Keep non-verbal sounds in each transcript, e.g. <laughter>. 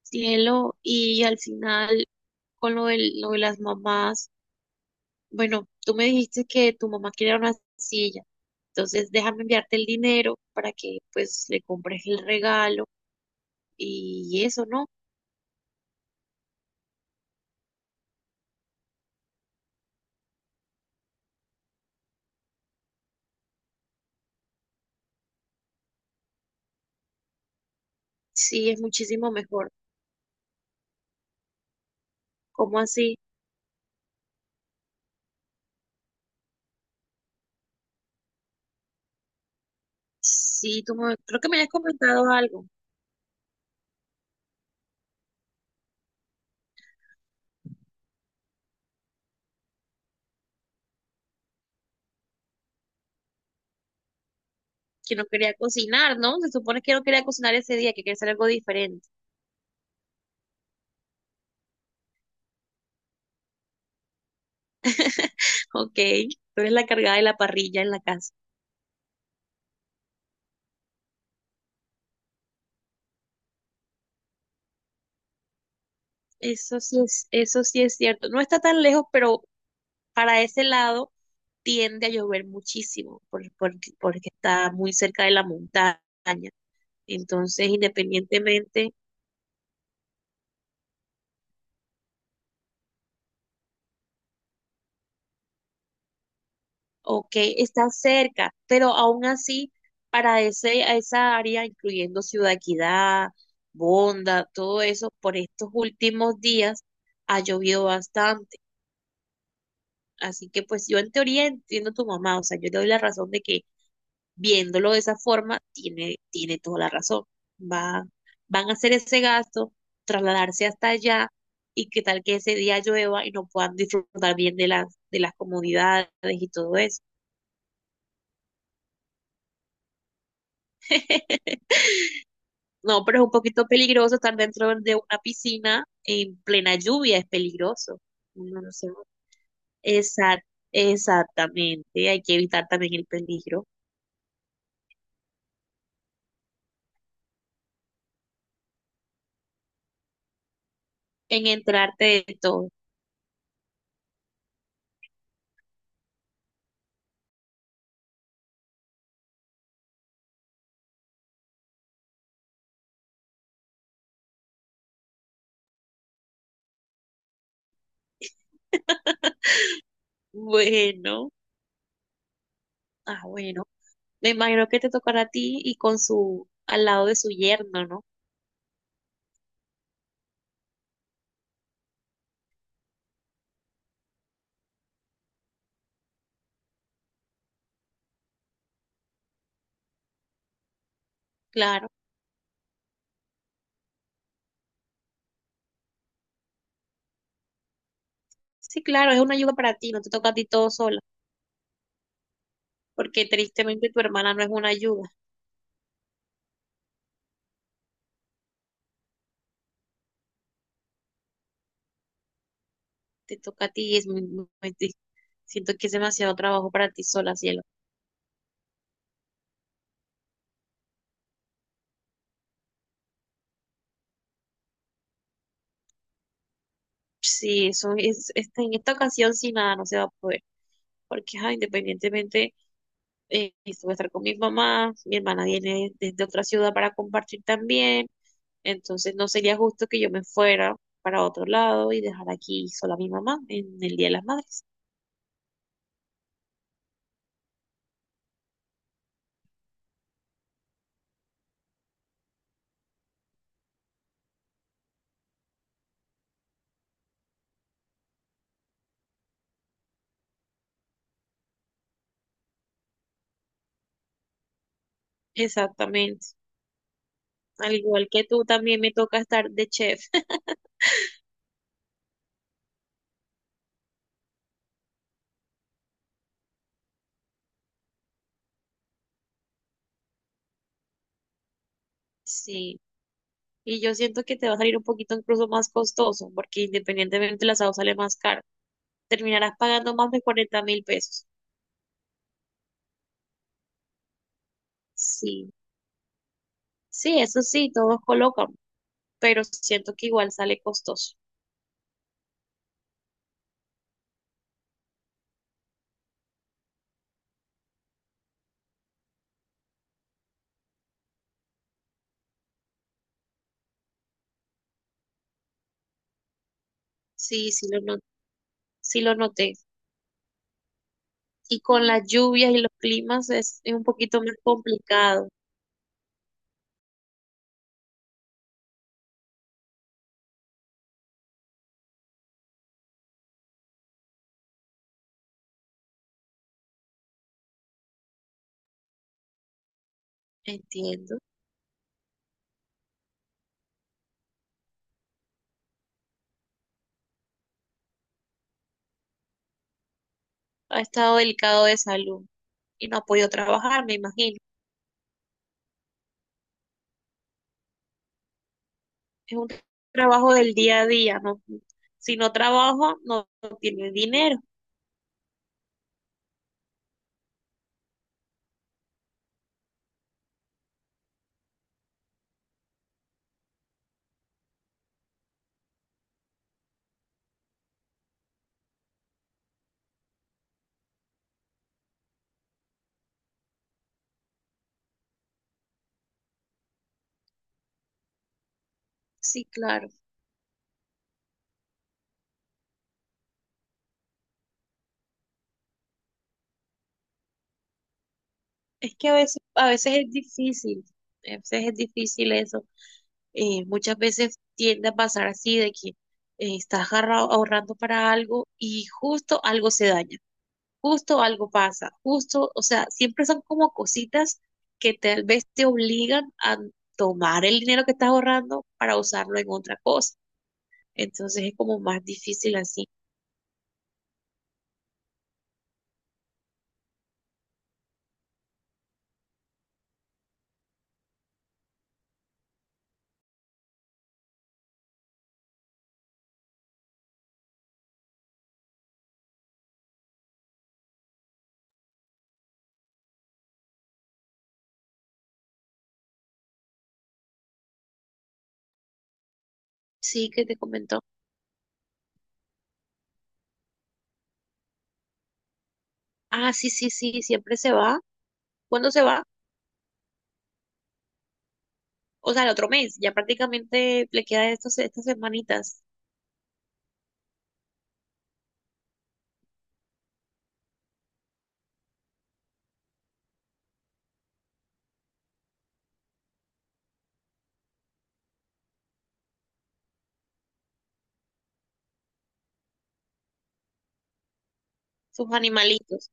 Cielo, y al final, con lo de las mamás, bueno, tú me dijiste que tu mamá quería una silla, entonces déjame enviarte el dinero para que pues le compres el regalo y eso, ¿no? Sí, es muchísimo mejor. ¿Cómo así? Sí, creo que me habías comentado algo, que no quería cocinar, ¿no? Se supone que no quería cocinar ese día, que quería hacer algo diferente. <laughs> Ok, tú eres la cargada de la parrilla en la casa. Eso sí es cierto. No está tan lejos, pero para ese lado tiende a llover muchísimo porque está muy cerca de la montaña. Entonces, independientemente, ok, está cerca, pero aún así, para a esa área, incluyendo Ciudad Equidad, Bonda, todo eso, por estos últimos días ha llovido bastante. Así que pues yo en teoría entiendo a tu mamá, o sea, yo le doy la razón de que viéndolo de esa forma, tiene toda la razón. Va, van a hacer ese gasto, trasladarse hasta allá y qué tal que ese día llueva y no puedan disfrutar bien de de las comodidades y todo eso. <laughs> No, pero es un poquito peligroso estar dentro de una piscina en plena lluvia, es peligroso. Uno no se- Exact- exactamente, hay que evitar también el peligro en entrarte de todo. <laughs> Bueno, bueno. Me imagino que te tocará a ti y con al lado de su yerno, ¿no? Claro. Sí, claro, es una ayuda para ti, no te toca a ti todo sola, porque tristemente tu hermana no es una ayuda, te toca a ti y es muy triste. Siento que es demasiado trabajo para ti sola, cielo. Sí, eso es, en esta ocasión sí nada, no se va a poder, porque ajá, independientemente, esto voy a estar con mi mamá, mi hermana viene desde otra ciudad para compartir también. Entonces no sería justo que yo me fuera para otro lado y dejar aquí sola a mi mamá en el Día de las Madres. Exactamente. Al igual que tú, también me toca estar de chef. <laughs> Sí. Y yo siento que te va a salir un poquito incluso más costoso, porque independientemente el asado sale más caro. Terminarás pagando más de 40.000 pesos. Sí. Sí, eso sí, todos colocan, pero siento que igual sale costoso. Sí, sí lo no, sí lo noté. Y con las lluvias y los climas es un poquito más complicado. Entiendo. Ha estado delicado de salud y no ha podido trabajar, me imagino. Es un trabajo del día a día, ¿no? Si no trabajo, no tiene dinero. Sí, claro. Es que a veces es difícil, a veces es difícil eso. Muchas veces tiende a pasar así de que estás ahorrando para algo y justo algo se daña. Justo algo pasa, justo, o sea, siempre son como cositas que tal vez te obligan a tomar el dinero que estás ahorrando para usarlo en otra cosa. Entonces es como más difícil así. Sí, que te comentó. Ah, sí, sí, sí, siempre se va. ¿Cuándo se va? O sea, el otro mes. Ya prácticamente le quedan estas semanitas, sus animalitos.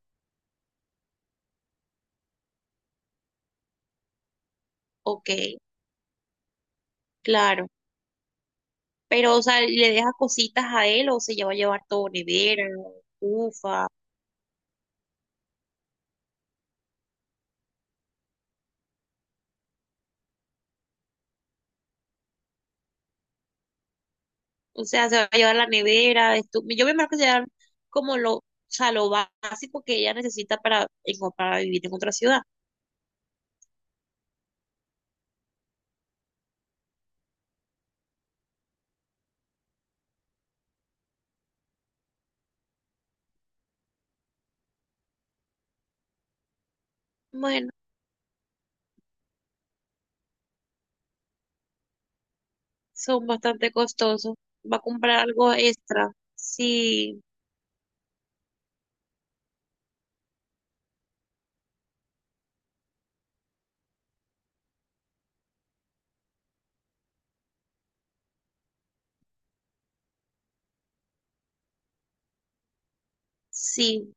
Ok, claro. Pero, o sea, ¿le deja cositas a él o se lleva a llevar todo, nevera, ufa? O sea, se va a llevar la nevera, yo me imagino que se llevan o sea, lo básico que ella necesita para, para vivir en otra ciudad. Bueno, son bastante costosos. Va a comprar algo extra. Sí, sí,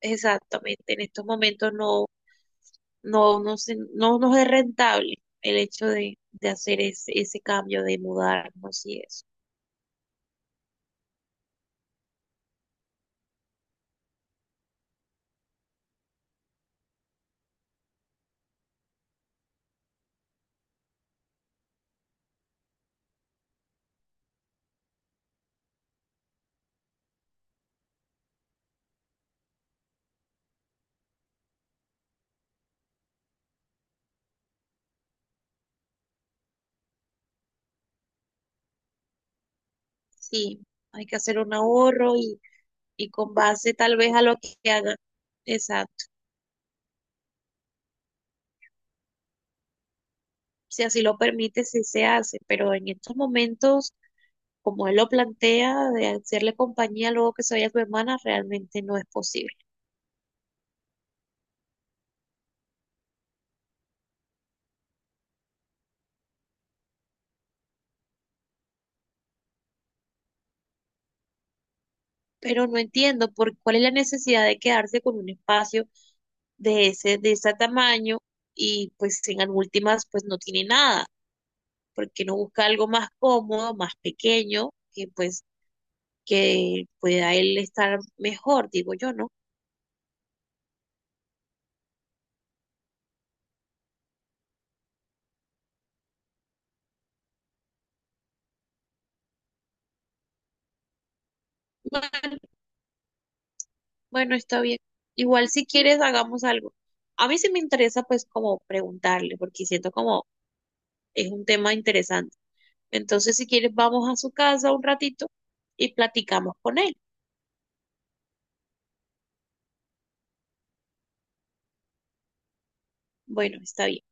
exactamente. En estos momentos no nos es rentable el hecho de hacer ese cambio, de mudarnos y eso. Sí, hay que hacer un ahorro y con base tal vez a lo que haga. Exacto. Si así lo permite, sí se hace, pero en estos momentos, como él lo plantea, de hacerle compañía luego que se vaya su hermana, realmente no es posible. Pero no entiendo por cuál es la necesidad de quedarse con un espacio de de ese tamaño y pues en las últimas pues no tiene nada, ¿porque no busca algo más cómodo, más pequeño, que pueda él estar mejor, digo yo, no? Bueno, Bueno, está bien. Igual si quieres hagamos algo. A mí sí me interesa pues como preguntarle, porque siento como es un tema interesante. Entonces, si quieres, vamos a su casa un ratito y platicamos con él. Bueno, está bien.